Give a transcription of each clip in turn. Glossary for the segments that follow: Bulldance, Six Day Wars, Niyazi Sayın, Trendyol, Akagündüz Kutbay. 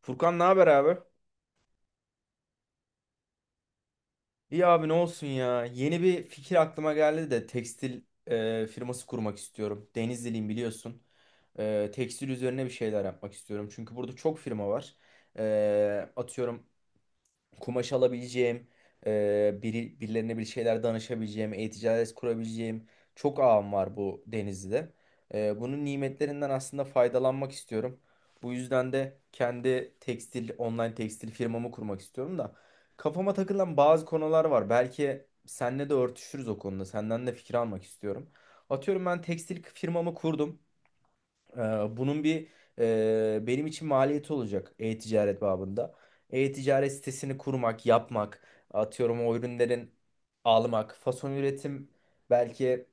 Furkan ne haber abi? İyi abi ne olsun ya. Yeni bir fikir aklıma geldi de tekstil firması kurmak istiyorum. Denizliliyim biliyorsun. Tekstil üzerine bir şeyler yapmak istiyorum. Çünkü burada çok firma var. Atıyorum kumaş alabileceğim, birilerine bir şeyler danışabileceğim, e-ticaret kurabileceğim çok ağım var bu Denizli'de. Bunun nimetlerinden aslında faydalanmak istiyorum. Bu yüzden de kendi online tekstil firmamı kurmak istiyorum da kafama takılan bazı konular var. Belki seninle de örtüşürüz o konuda. Senden de fikir almak istiyorum. Atıyorum ben tekstil firmamı kurdum. Bunun bir benim için maliyeti olacak e-ticaret babında. E-ticaret sitesini kurmak, yapmak, atıyorum o ürünlerin almak, fason üretim belki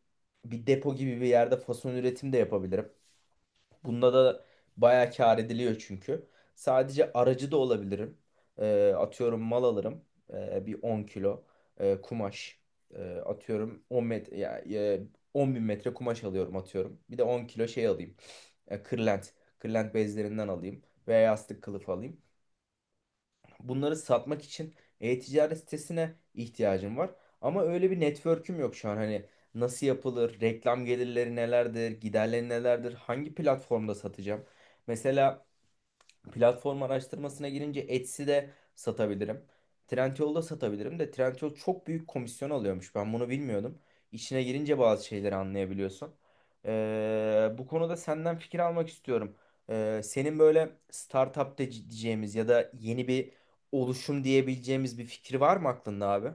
bir depo gibi bir yerde fason üretim de yapabilirim. Bunda da bayağı kâr ediliyor çünkü. Sadece aracı da olabilirim. Atıyorum mal alırım. Bir 10 kilo kumaş. Atıyorum 10 metre, ya, 10 bin metre kumaş alıyorum atıyorum. Bir de 10 kilo şey alayım. Kırlent. Kırlent bezlerinden alayım. Veya yastık kılıfı alayım. Bunları satmak için e-ticaret sitesine ihtiyacım var. Ama öyle bir network'üm yok şu an. Hani nasıl yapılır, reklam gelirleri nelerdir, giderleri nelerdir, hangi platformda satacağım? Mesela platform araştırmasına girince Etsy'de satabilirim. Trendyol'da satabilirim de Trendyol çok büyük komisyon alıyormuş. Ben bunu bilmiyordum. İçine girince bazı şeyleri anlayabiliyorsun. Bu konuda senden fikir almak istiyorum. Senin böyle startup diyeceğimiz ya da yeni bir oluşum diyebileceğimiz bir fikir var mı aklında abi?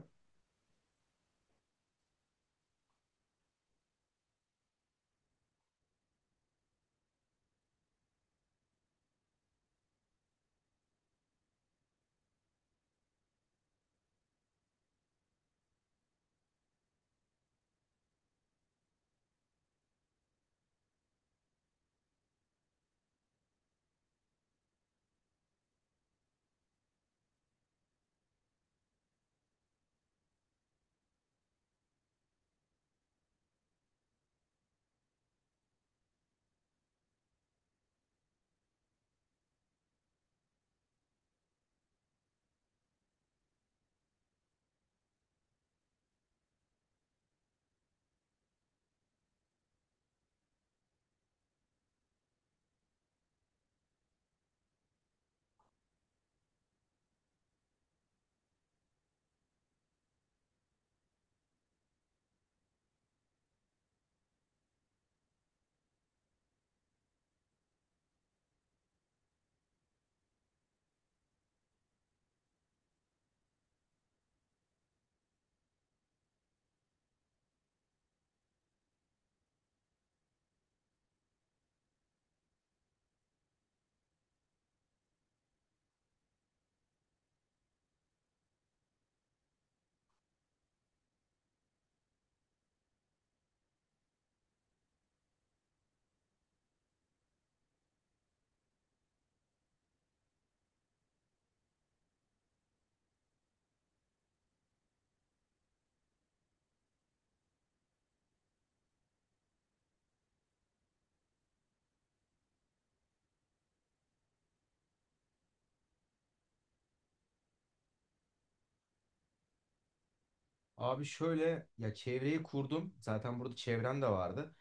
Abi şöyle ya çevreyi kurdum. Zaten burada çevrem de vardı.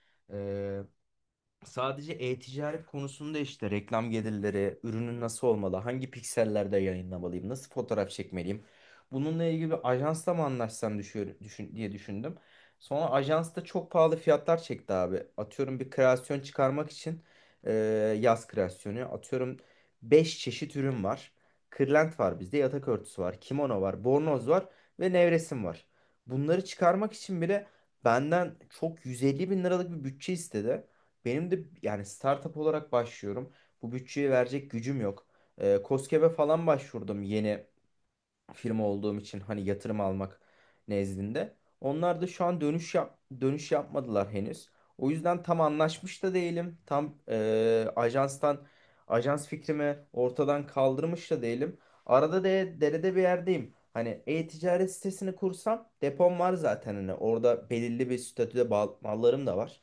Sadece e-ticaret konusunda işte reklam gelirleri, ürünün nasıl olmalı, hangi piksellerde yayınlamalıyım, nasıl fotoğraf çekmeliyim. Bununla ilgili bir ajansla mı anlaşsam diye düşündüm. Sonra ajans da çok pahalı fiyatlar çekti abi. Atıyorum bir kreasyon çıkarmak için e, yaz kreasyonu. Atıyorum 5 çeşit ürün var. Kırlent var bizde, yatak örtüsü var, kimono var, bornoz var ve nevresim var. Bunları çıkarmak için bile benden çok 150 bin liralık bir bütçe istedi. Benim de yani startup olarak başlıyorum. Bu bütçeye verecek gücüm yok. KOSGEB'e falan başvurdum yeni firma olduğum için hani yatırım almak nezdinde. Onlar da şu an dönüş yapmadılar henüz. O yüzden tam anlaşmış da değilim. Tam ajans fikrimi ortadan kaldırmış da değilim. Arada derede bir yerdeyim. Hani e-ticaret sitesini kursam depom var zaten hani orada belirli bir statüde mallarım da var.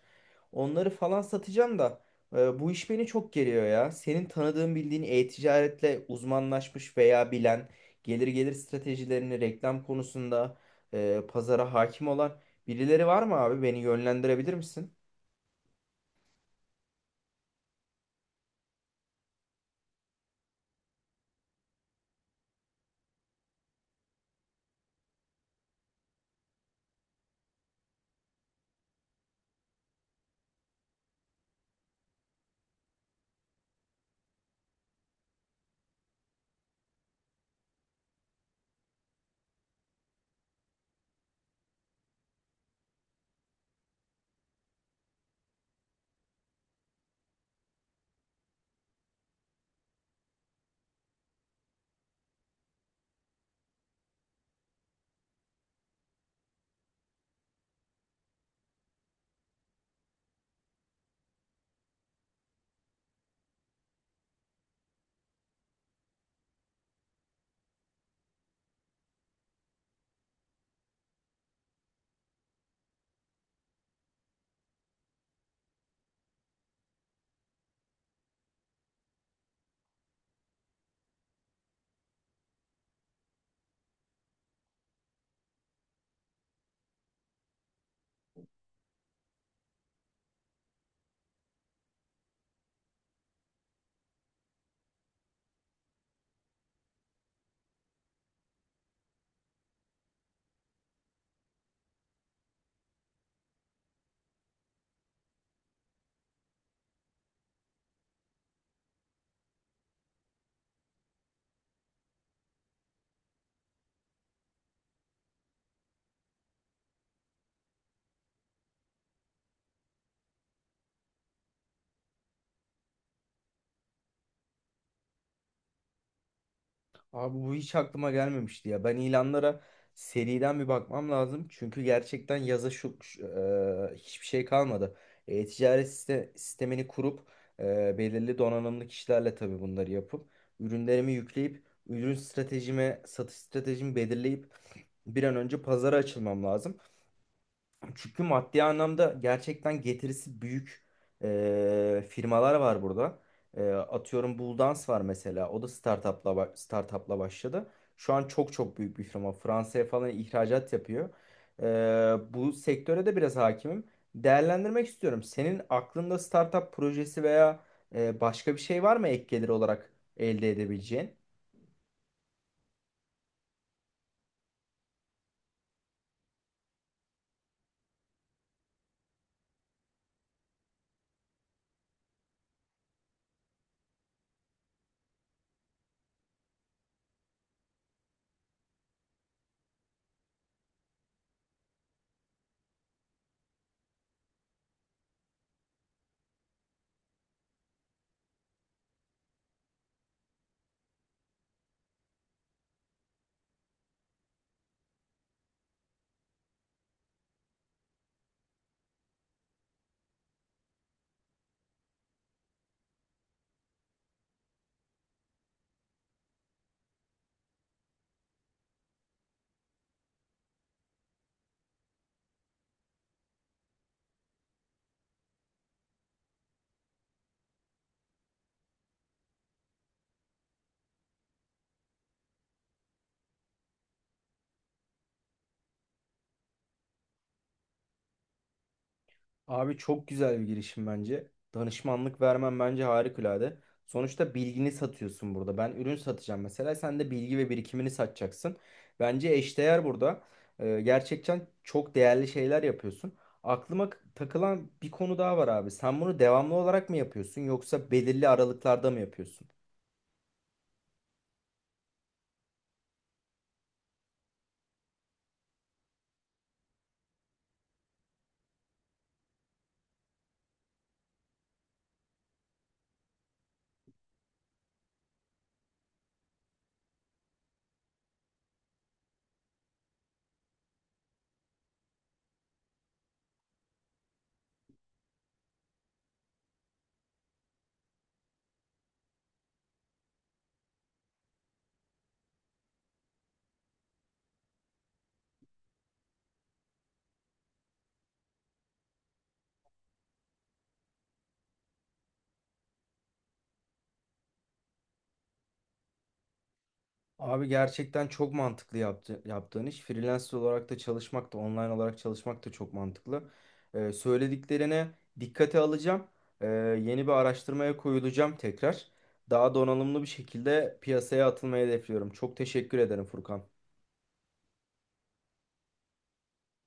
Onları falan satacağım da bu iş beni çok geriyor ya. Senin tanıdığın bildiğin e-ticaretle uzmanlaşmış veya bilen gelir stratejilerini reklam konusunda pazara hakim olan birileri var mı abi? Beni yönlendirebilir misin? Abi bu hiç aklıma gelmemişti ya. Ben ilanlara seriden bir bakmam lazım. Çünkü gerçekten yaza hiçbir şey kalmadı. Ticaret sistemini kurup belirli donanımlı kişilerle tabii bunları yapıp ürünlerimi yükleyip ürün stratejime, satış stratejimi belirleyip bir an önce pazara açılmam lazım. Çünkü maddi anlamda gerçekten getirisi büyük firmalar var burada. Atıyorum Bulldance var mesela. O da startup'la başladı. Şu an çok çok büyük bir firma. Fransa'ya falan ihracat yapıyor. Bu sektöre de biraz hakimim. Değerlendirmek istiyorum. Senin aklında startup projesi veya başka bir şey var mı ek gelir olarak elde edebileceğin? Abi çok güzel bir girişim bence. Danışmanlık vermen bence harikulade. Sonuçta bilgini satıyorsun burada. Ben ürün satacağım mesela. Sen de bilgi ve birikimini satacaksın. Bence eşdeğer burada. Gerçekten çok değerli şeyler yapıyorsun. Aklıma takılan bir konu daha var abi. Sen bunu devamlı olarak mı yapıyorsun yoksa belirli aralıklarda mı yapıyorsun? Abi gerçekten çok mantıklı yaptığın iş. Freelancer olarak da çalışmak da online olarak çalışmak da çok mantıklı. Söylediklerine dikkate alacağım. Ee, yeni bir araştırmaya koyulacağım tekrar. Daha donanımlı bir şekilde piyasaya atılmayı hedefliyorum. Çok teşekkür ederim Furkan.